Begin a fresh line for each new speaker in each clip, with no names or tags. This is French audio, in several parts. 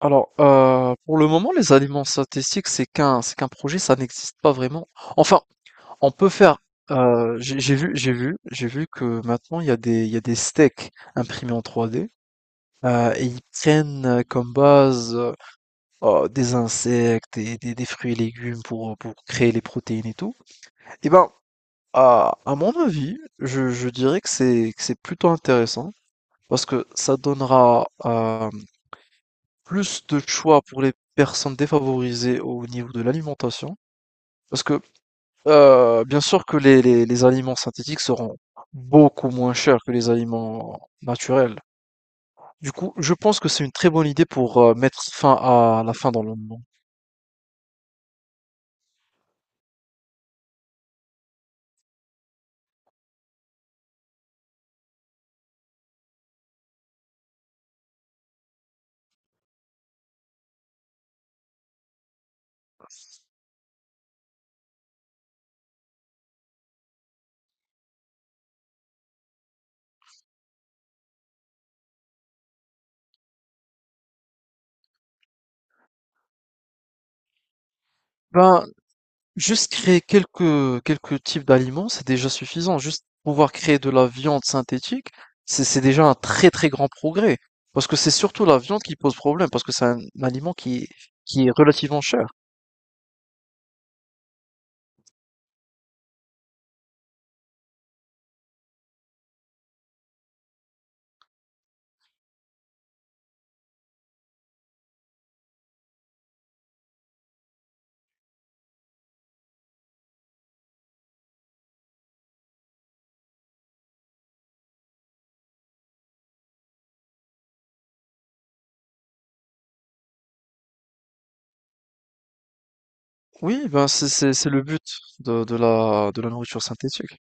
Alors, pour le moment, les aliments synthétiques, c'est qu'un projet, ça n'existe pas vraiment. Enfin, on peut faire. J'ai vu que maintenant il y a des steaks imprimés en 3D, et ils prennent, comme base, des insectes, des fruits et légumes pour créer les protéines et tout. Et ben, à mon avis, je dirais que c'est plutôt intéressant, parce que ça donnera, hem Plus de choix pour les personnes défavorisées au niveau de l'alimentation, parce que, bien sûr que les aliments synthétiques seront beaucoup moins chers que les aliments naturels. Du coup, je pense que c'est une très bonne idée pour, mettre fin à la faim dans le monde. Ben, juste créer quelques types d'aliments, c'est déjà suffisant. Juste pouvoir créer de la viande synthétique, c'est déjà un très, très grand progrès, parce que c'est surtout la viande qui pose problème, parce que c'est un aliment qui est relativement cher. Oui, ben c'est le but de la nourriture synthétique.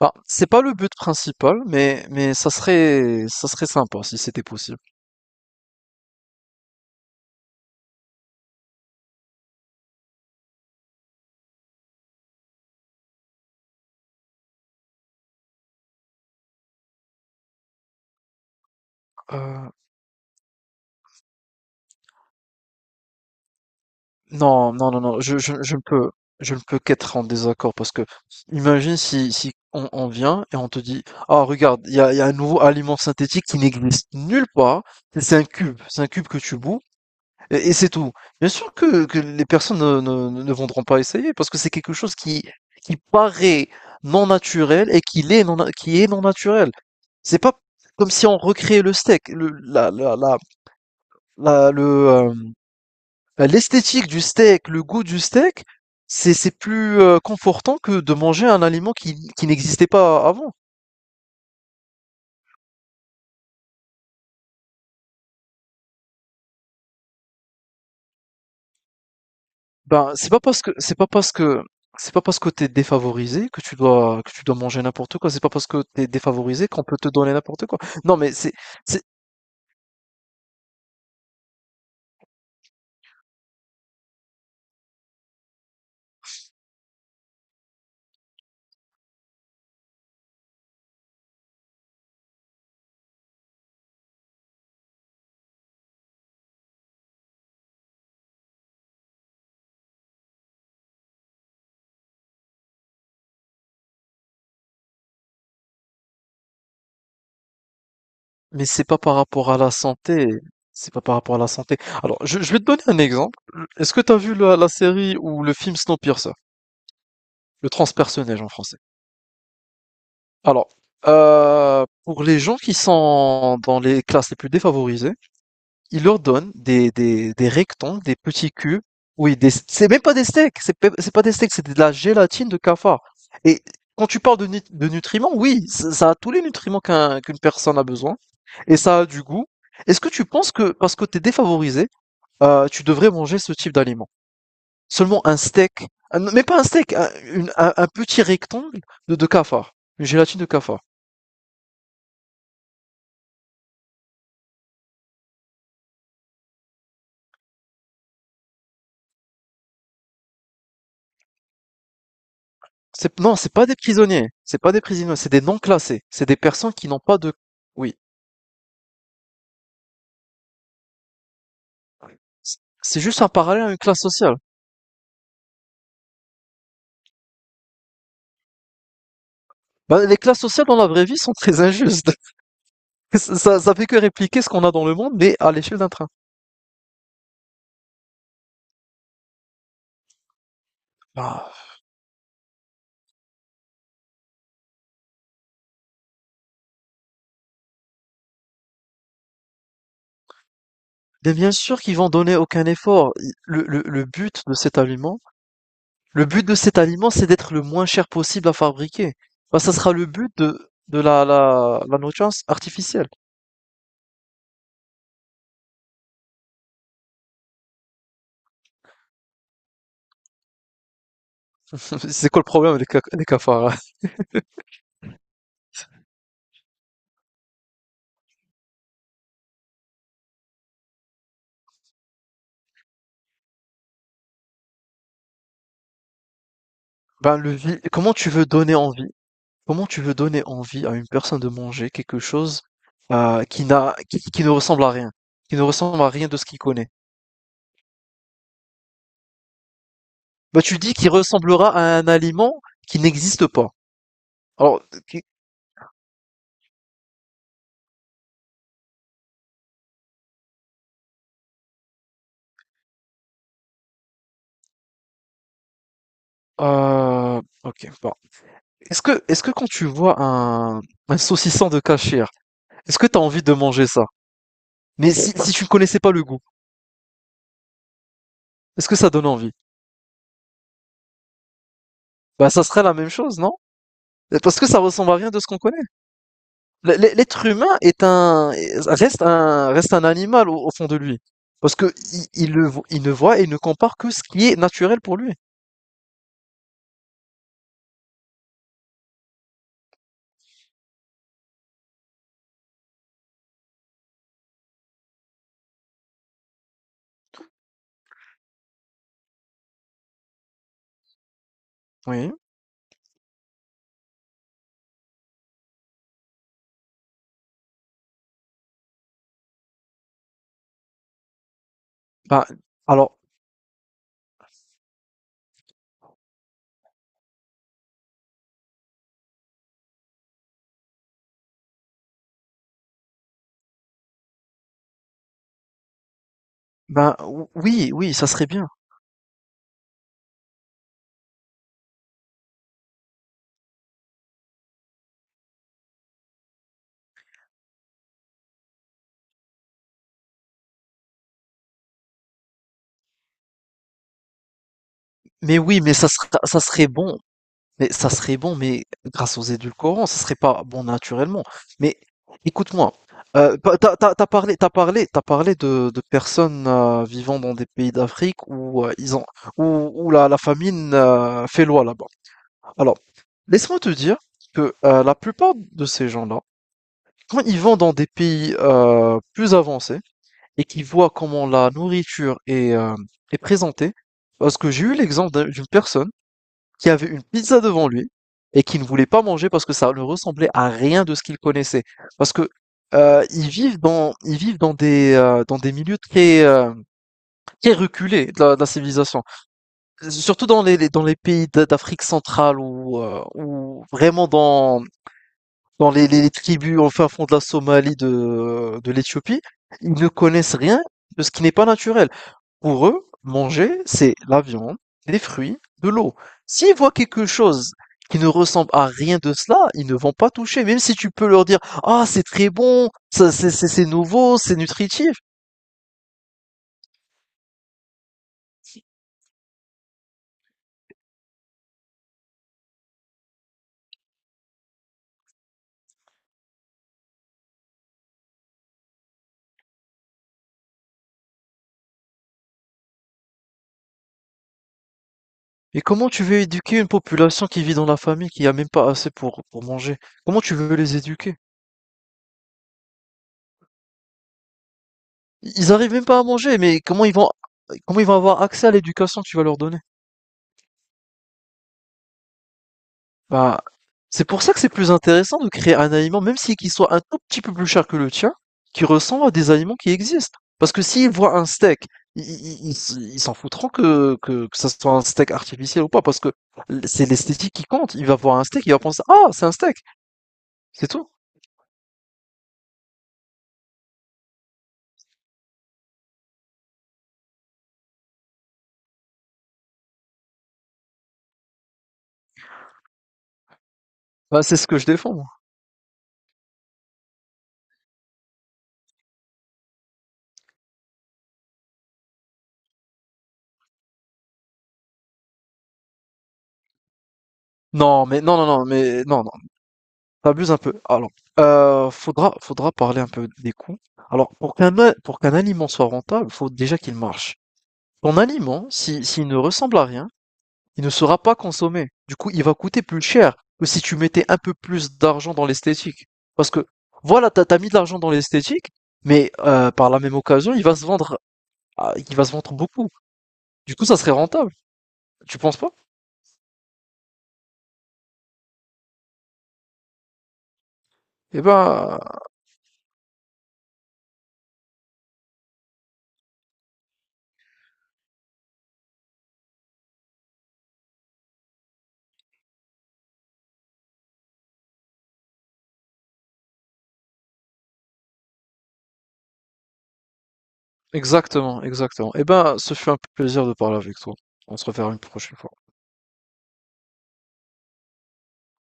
Bah, c'est pas le but principal, mais ça serait sympa si c'était possible. Euh, non, non, non, non, je ne peux, qu'être en désaccord, parce que imagine si on vient et on te dit, ah, regarde, il y a un nouveau aliment synthétique qui n'existe nulle part, c'est un cube que tu bouts. Et c'est tout. Bien sûr que, les personnes ne voudront pas essayer, parce que c'est quelque chose qui paraît non naturel et qui est qui est non naturel. C'est pas comme si on recréait le steak, le, la- le, l'esthétique du steak, le goût du steak, c'est plus confortant que de manger un aliment qui n'existait pas avant. Ben, c'est pas parce que t'es défavorisé que tu dois, que tu dois manger n'importe quoi. C'est pas parce que t'es défavorisé qu'on peut te donner n'importe quoi. Non, mais c'est c'est c'est pas par rapport à la santé. C'est pas par rapport à la santé. Alors, je vais te donner un exemple. Est-ce que t'as vu la série ou le film Snowpiercer, le transpersonnage en français? Alors, pour les gens qui sont dans les classes les plus défavorisées, il ordonne des rectangles, des petits cubes. Oui, des c'est même pas des steaks, c'est pas des steaks, c'est de la gélatine de cafard. Et quand tu parles de nutriments, oui, ça a tous les nutriments qu'une personne a besoin, et ça a du goût. Est-ce que tu penses que parce que tu es défavorisé, tu devrais manger ce type d'aliment? Seulement un steak, un mais pas un steak, un une un petit rectangle de cafard, une gélatine de cafard. C'est non, c'est pas des prisonniers, c'est pas des prisonniers, c'est des non classés, c'est des personnes qui n'ont pas de. Oui. C'est juste un parallèle à une classe sociale. Bah, les classes sociales dans la vraie vie sont très injustes. Ça, ça fait que répliquer ce qu'on a dans le monde, mais à l'échelle d'un train. Ah. Mais bien sûr qu'ils vont donner aucun effort. Le but de cet aliment, c'est d'être le moins cher possible à fabriquer. Bah, ça sera le but de la, la nourriture artificielle. C'est quoi le problème des cafards, hein? Ben, comment tu veux donner envie? Comment tu veux donner envie à une personne de manger quelque chose qui n'a, qui ne ressemble à rien, qui ne ressemble à rien de ce qu'il connaît? Bah, tu dis qu'il ressemblera à un aliment qui n'existe pas. Alors, qui- ok, bon. Est-ce que quand tu vois un, saucisson de cachir, est-ce que tu as envie de manger ça? Mais si, si tu ne connaissais pas le goût, est-ce que ça donne envie? Bah, ça serait la même chose, non? Parce que ça ressemble à rien de ce qu'on connaît. L'être humain est reste un animal au, au fond de lui. Parce que il ne voit et ne compare que ce qui est naturel pour lui. Oui. Bah, alors, ben, oui, oui, ça serait bien. Mais oui, mais ça serait bon. Mais ça serait bon, mais grâce aux édulcorants, ça serait pas bon naturellement. Mais écoute-moi, t'as parlé de personnes vivant dans des pays d'Afrique où ils ont, où, où la famine fait loi là-bas. Alors, laisse-moi te dire que la plupart de ces gens-là, quand ils vont dans des pays plus avancés et qu'ils voient comment la nourriture est présentée, parce que j'ai eu l'exemple d'une personne qui avait une pizza devant lui et qui ne voulait pas manger parce que ça ne ressemblait à rien de ce qu'il connaissait. Parce que ils vivent dans des milieux très, très reculés de la civilisation. Surtout dans dans les pays d'Afrique centrale, ou vraiment dans les tribus au fin fond de la Somalie, de l'Éthiopie. Ils ne connaissent rien de ce qui n'est pas naturel. Pour eux, manger, c'est la viande, les fruits, de l'eau. S'ils voient quelque chose qui ne ressemble à rien de cela, ils ne vont pas toucher, même si tu peux leur dire, ah, c'est très bon, ça, c'est nouveau, c'est nutritif. Mais comment tu veux éduquer une population qui vit dans la famille, qui a même pas assez pour manger? Comment tu veux les éduquer? Ils arrivent même pas à manger, mais comment ils vont avoir accès à l'éducation que tu vas leur donner? Bah, c'est pour ça que c'est plus intéressant de créer un aliment, même si qu'il soit un tout petit peu plus cher que le tien, qui ressemble à des aliments qui existent. Parce que s'ils voient un steak, ils s'en foutront que ça soit un steak artificiel ou pas, parce que c'est l'esthétique qui compte. Il va voir un steak, il va penser, ah, c'est un steak, c'est tout. Bah, c'est ce que je défends, moi. Non, mais non, non, non, mais non, non, t'abuses un peu. Alors, faudra parler un peu des coûts. Alors, pour qu'un aliment soit rentable, faut déjà qu'il marche. Ton aliment, si, s'il ne ressemble à rien, il ne sera pas consommé. Du coup, il va coûter plus cher que si tu mettais un peu plus d'argent dans l'esthétique. Parce que, voilà, t'as, t'as mis de l'argent dans l'esthétique, mais par la même occasion, il va se vendre, il va se vendre beaucoup. Du coup, ça serait rentable. Tu penses pas? Eh ben, exactement, exactement. Eh ben, ce fut un plaisir de parler avec toi. On se reverra une prochaine fois.